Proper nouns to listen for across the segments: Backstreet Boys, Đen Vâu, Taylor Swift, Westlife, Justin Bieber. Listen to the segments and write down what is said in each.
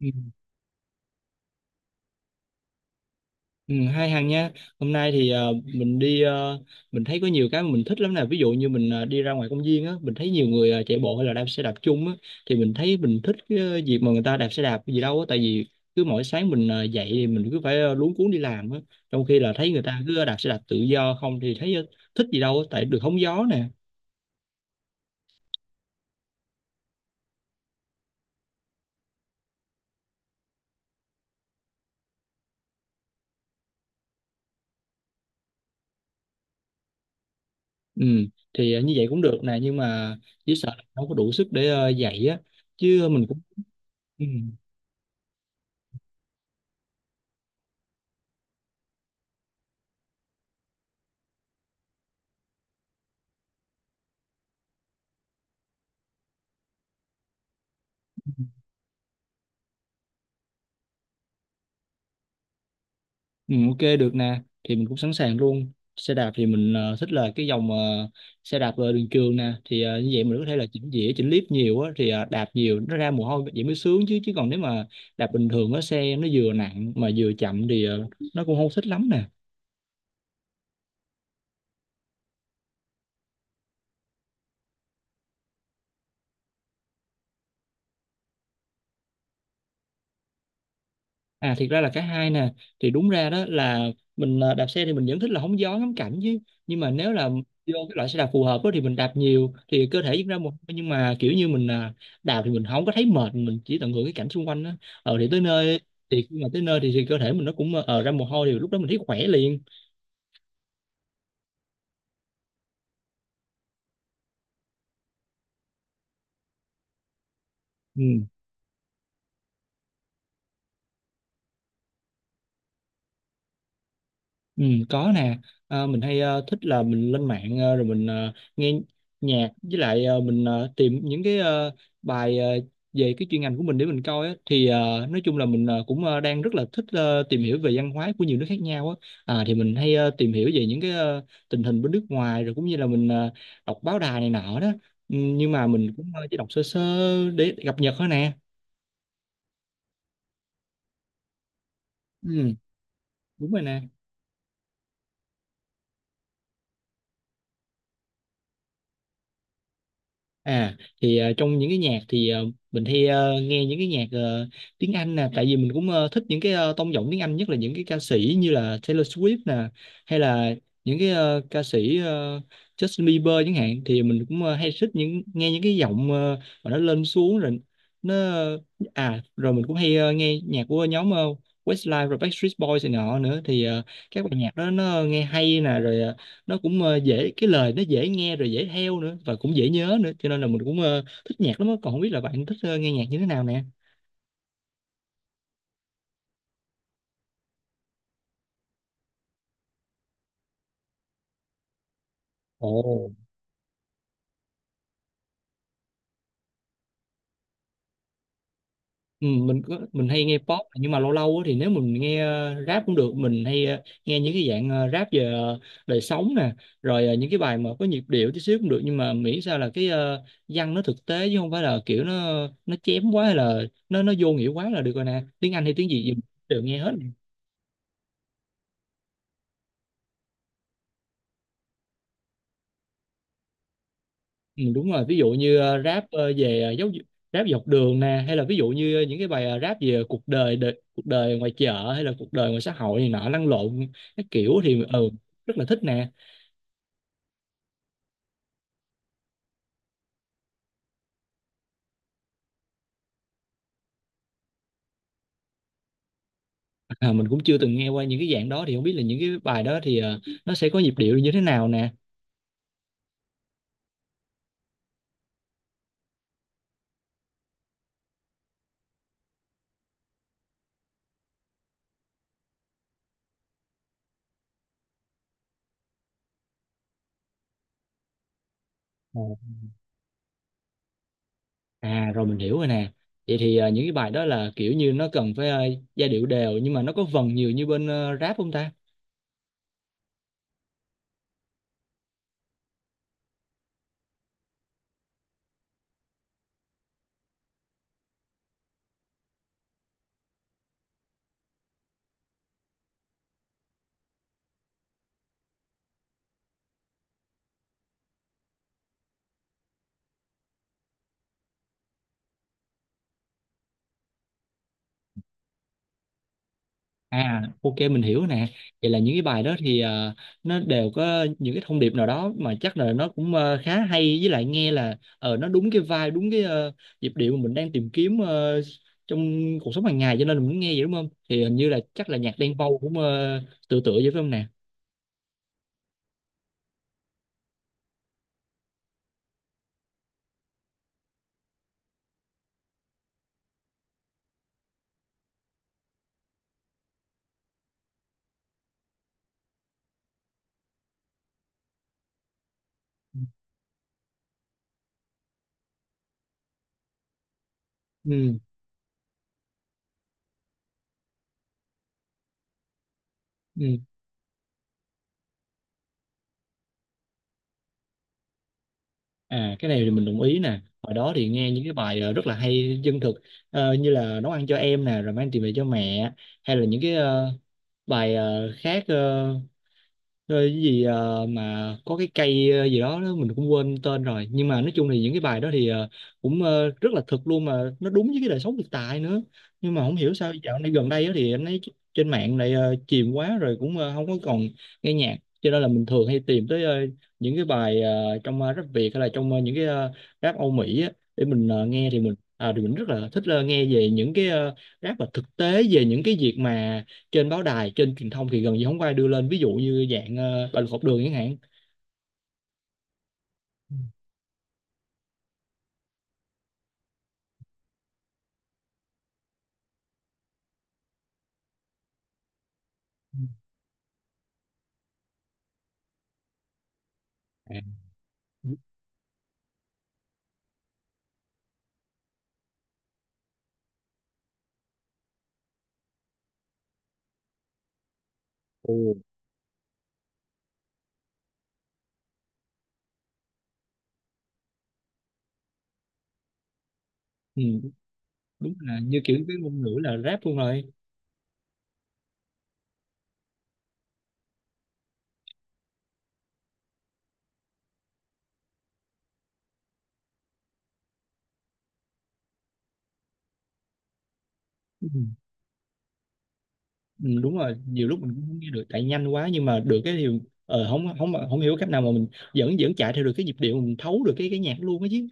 Ừ, Ừ, hay Hằng nha. Hôm nay thì mình đi mình thấy có nhiều cái mà mình thích lắm nè. Ví dụ như mình đi ra ngoài công viên á, mình thấy nhiều người chạy bộ hay là đạp xe đạp chung á thì mình thấy mình thích cái việc mà người ta đạp xe đạp gì đâu á, tại vì cứ mỗi sáng mình dậy thì mình cứ phải luống cuống đi làm á. Trong khi là thấy người ta cứ đạp xe đạp tự do không thì thấy thích gì đâu á, tại được hóng gió nè. Ừ, thì như vậy cũng được nè, nhưng mà chỉ sợ là không có đủ sức để dậy á, chứ mình cũng ừ. Ừ, ok được nè, thì mình cũng sẵn sàng luôn. Xe đạp thì mình thích là cái dòng xe đạp đường trường nè, thì như vậy mình có thể là chỉnh dĩa chỉnh líp nhiều á, thì đạp nhiều nó ra mồ hôi vậy mới sướng chứ, chứ còn nếu mà đạp bình thường á, xe nó vừa nặng mà vừa chậm thì nó cũng không thích lắm nè. À, thiệt ra là cả hai nè. Thì đúng ra đó là mình đạp xe thì mình vẫn thích là hóng gió ngắm cảnh chứ. Nhưng mà nếu là vô cái loại xe đạp phù hợp đó, thì mình đạp nhiều, thì cơ thể diễn ra một, nhưng mà kiểu như mình đạp thì mình không có thấy mệt. Mình chỉ tận hưởng cái cảnh xung quanh đó. Ờ thì tới nơi, thì khi mà tới nơi thì cơ thể mình nó cũng ra mồ hôi, thì lúc đó mình thấy khỏe liền. Ừ. Ừ, có nè. À, mình hay thích là mình lên mạng rồi mình nghe nhạc, với lại mình tìm những cái bài về cái chuyên ngành của mình để mình coi á, thì nói chung là mình cũng đang rất là thích tìm hiểu về văn hóa của nhiều nước khác nhau á. À, thì mình hay tìm hiểu về những cái tình hình bên nước ngoài, rồi cũng như là mình đọc báo đài này nọ đó. Ừ, nhưng mà mình cũng chỉ đọc sơ sơ để cập nhật thôi nè. Ừ, đúng rồi nè. À thì trong những cái nhạc thì mình hay nghe những cái nhạc tiếng Anh nè, tại vì mình cũng thích những cái tông giọng tiếng Anh, nhất là những cái ca sĩ như là Taylor Swift nè, hay là những cái ca sĩ Justin Bieber chẳng hạn, thì mình cũng hay thích những nghe những cái giọng mà nó lên xuống, rồi nó, à rồi mình cũng hay nghe nhạc của nhóm Westlife rồi Backstreet Boys này nọ nữa, thì các bài nhạc đó nó nghe hay nè, rồi nó cũng dễ, cái lời nó dễ nghe rồi dễ theo nữa và cũng dễ nhớ nữa, cho nên là mình cũng thích nhạc lắm á. Còn không biết là bạn thích nghe nhạc như thế nào nè. Ồ. Ừ, mình mình hay nghe pop, nhưng mà lâu lâu á, thì nếu mình nghe rap cũng được, mình hay nghe những cái dạng rap về đời sống nè, rồi những cái bài mà có nhịp điệu tí xíu cũng được, nhưng mà miễn sao là cái văn nó thực tế, chứ không phải là kiểu nó chém quá, hay là nó vô nghĩa quá là được rồi nè, tiếng Anh hay tiếng gì gì mình đều nghe hết. Ừ, đúng rồi, ví dụ như rap về giáo dục, rap dọc đường nè, hay là ví dụ như những cái bài rap về cuộc đời, cuộc đời ngoài chợ, hay là cuộc đời ngoài xã hội này nọ lăn lộn, cái kiểu thì ừ, rất là thích nè. À, mình cũng chưa từng nghe qua những cái dạng đó, thì không biết là những cái bài đó thì nó sẽ có nhịp điệu như thế nào nè. Ồ. À rồi mình hiểu rồi nè. Vậy thì những cái bài đó là kiểu như nó cần phải giai điệu đều, nhưng mà nó có vần nhiều như bên rap không ta? À, ok mình hiểu nè. Vậy là những cái bài đó thì nó đều có những cái thông điệp nào đó mà chắc là nó cũng khá hay, với lại nghe là ờ nó đúng cái vibe, đúng cái nhịp điệu mà mình đang tìm kiếm trong cuộc sống hàng ngày, cho nên là mình muốn nghe vậy đúng không? Thì hình như là chắc là nhạc Đen Vâu cũng tựa tựa vậy phải không nè? Ừ, ừ. À cái này thì mình đồng ý nè. Hồi đó thì nghe những cái bài rất là hay chân thực, như là nấu ăn cho em nè, rồi mang tiền về cho mẹ, hay là những cái bài khác rồi cái gì mà có cái cây gì đó, đó mình cũng quên tên rồi, nhưng mà nói chung thì những cái bài đó thì cũng rất là thực luôn, mà nó đúng với cái đời sống thực tại nữa. Nhưng mà không hiểu sao dạo này gần đây á, thì anh ấy trên mạng lại chìm quá rồi, cũng không có còn nghe nhạc, cho nên là mình thường hay tìm tới những cái bài trong rap Việt, hay là trong những cái rap Âu Mỹ á, để mình nghe, thì mình à, thì mình rất là thích nghe về những cái rap mà thực tế về những cái việc mà trên báo đài trên truyền thông thì gần như không có ai đưa lên, ví dụ như dạng, bạo lực học đường chẳng hạn. À, ừm, ồ, ừ, đúng là như, kiểu, cái ngôn ngữ là rap luôn rồi. Ừm, đúng rồi, nhiều lúc mình cũng không nghe được tại nhanh quá, nhưng mà được cái điều không không hổng hiểu cách nào mà mình vẫn vẫn chạy theo được cái nhịp điệu, mình thấu được cái nhạc luôn á chứ.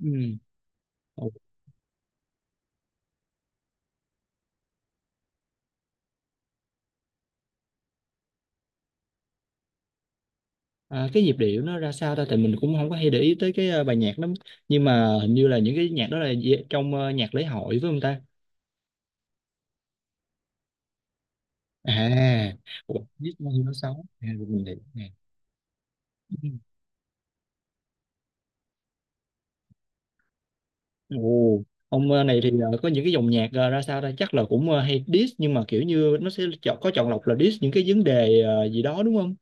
Ừm, ồ, à, cái nhịp điệu nó ra sao ta? Thì mình cũng không có hay để ý tới cái, a, bài nhạc lắm, nhưng mà hình như là những cái nhạc đó là d trong, ơ, nhạc lễ hội, phải hông ta? À, ủa, biết bao nhiêu nó xấu à, được mình hiểu nè. Ừ. Ồ, ông này thì có những cái dòng nhạc ra sao đây, chắc là cũng hay diss, nhưng mà kiểu như nó sẽ chọn có chọn lọc là diss những cái vấn đề gì đó đúng không?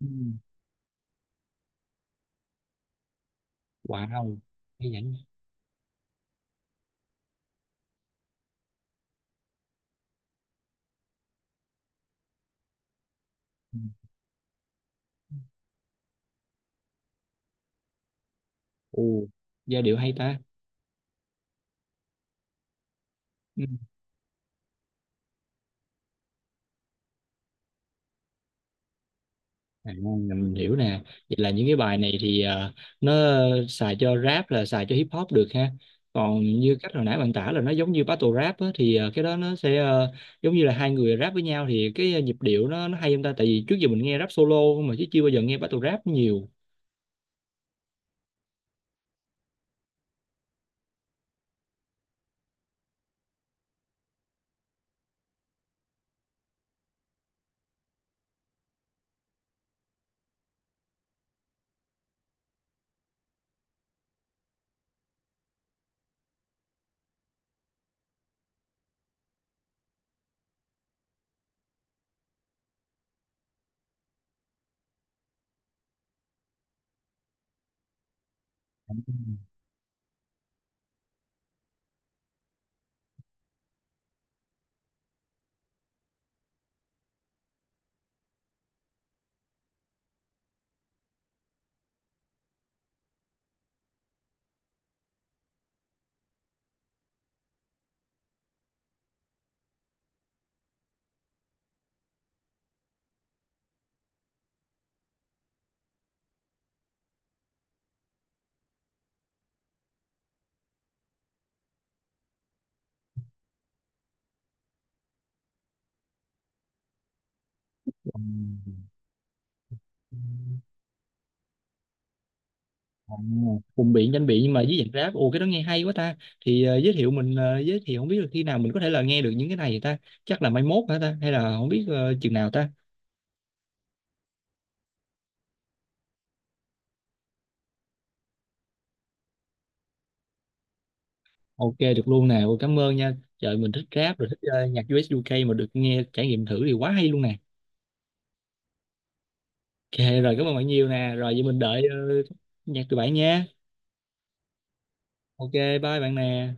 Ừ. Wow, hay vậy. Ừ. Ồ, giai điệu hay ta. Ừ. À, mình hiểu nè. Vậy là những cái bài này thì nó xài cho rap là xài cho hip hop được ha. Còn như cách hồi nãy bạn tả là nó giống như battle rap á, thì cái đó nó sẽ giống như là hai người rap với nhau, thì cái nhịp điệu nó hay không ta? Tại vì trước giờ mình nghe rap solo mà chứ chưa bao giờ nghe battle rap nhiều. Ừ. À, cùng biện tranh biện nhưng mà với dạng rap, ồ cái đó nghe hay quá ta, thì giới thiệu mình giới thiệu, không biết là khi nào mình có thể là nghe được những cái này ta? Chắc là mai mốt hả ta, hay là không biết chừng nào ta? Ok được luôn nè. Ôi, cảm ơn nha. Trời mình thích rap rồi thích nhạc US UK mà được nghe trải nghiệm thử thì quá hay luôn nè. Ok rồi cảm ơn bạn nhiều nè. Rồi vậy mình đợi nhạc từ bạn nha. Ok bye bạn nè.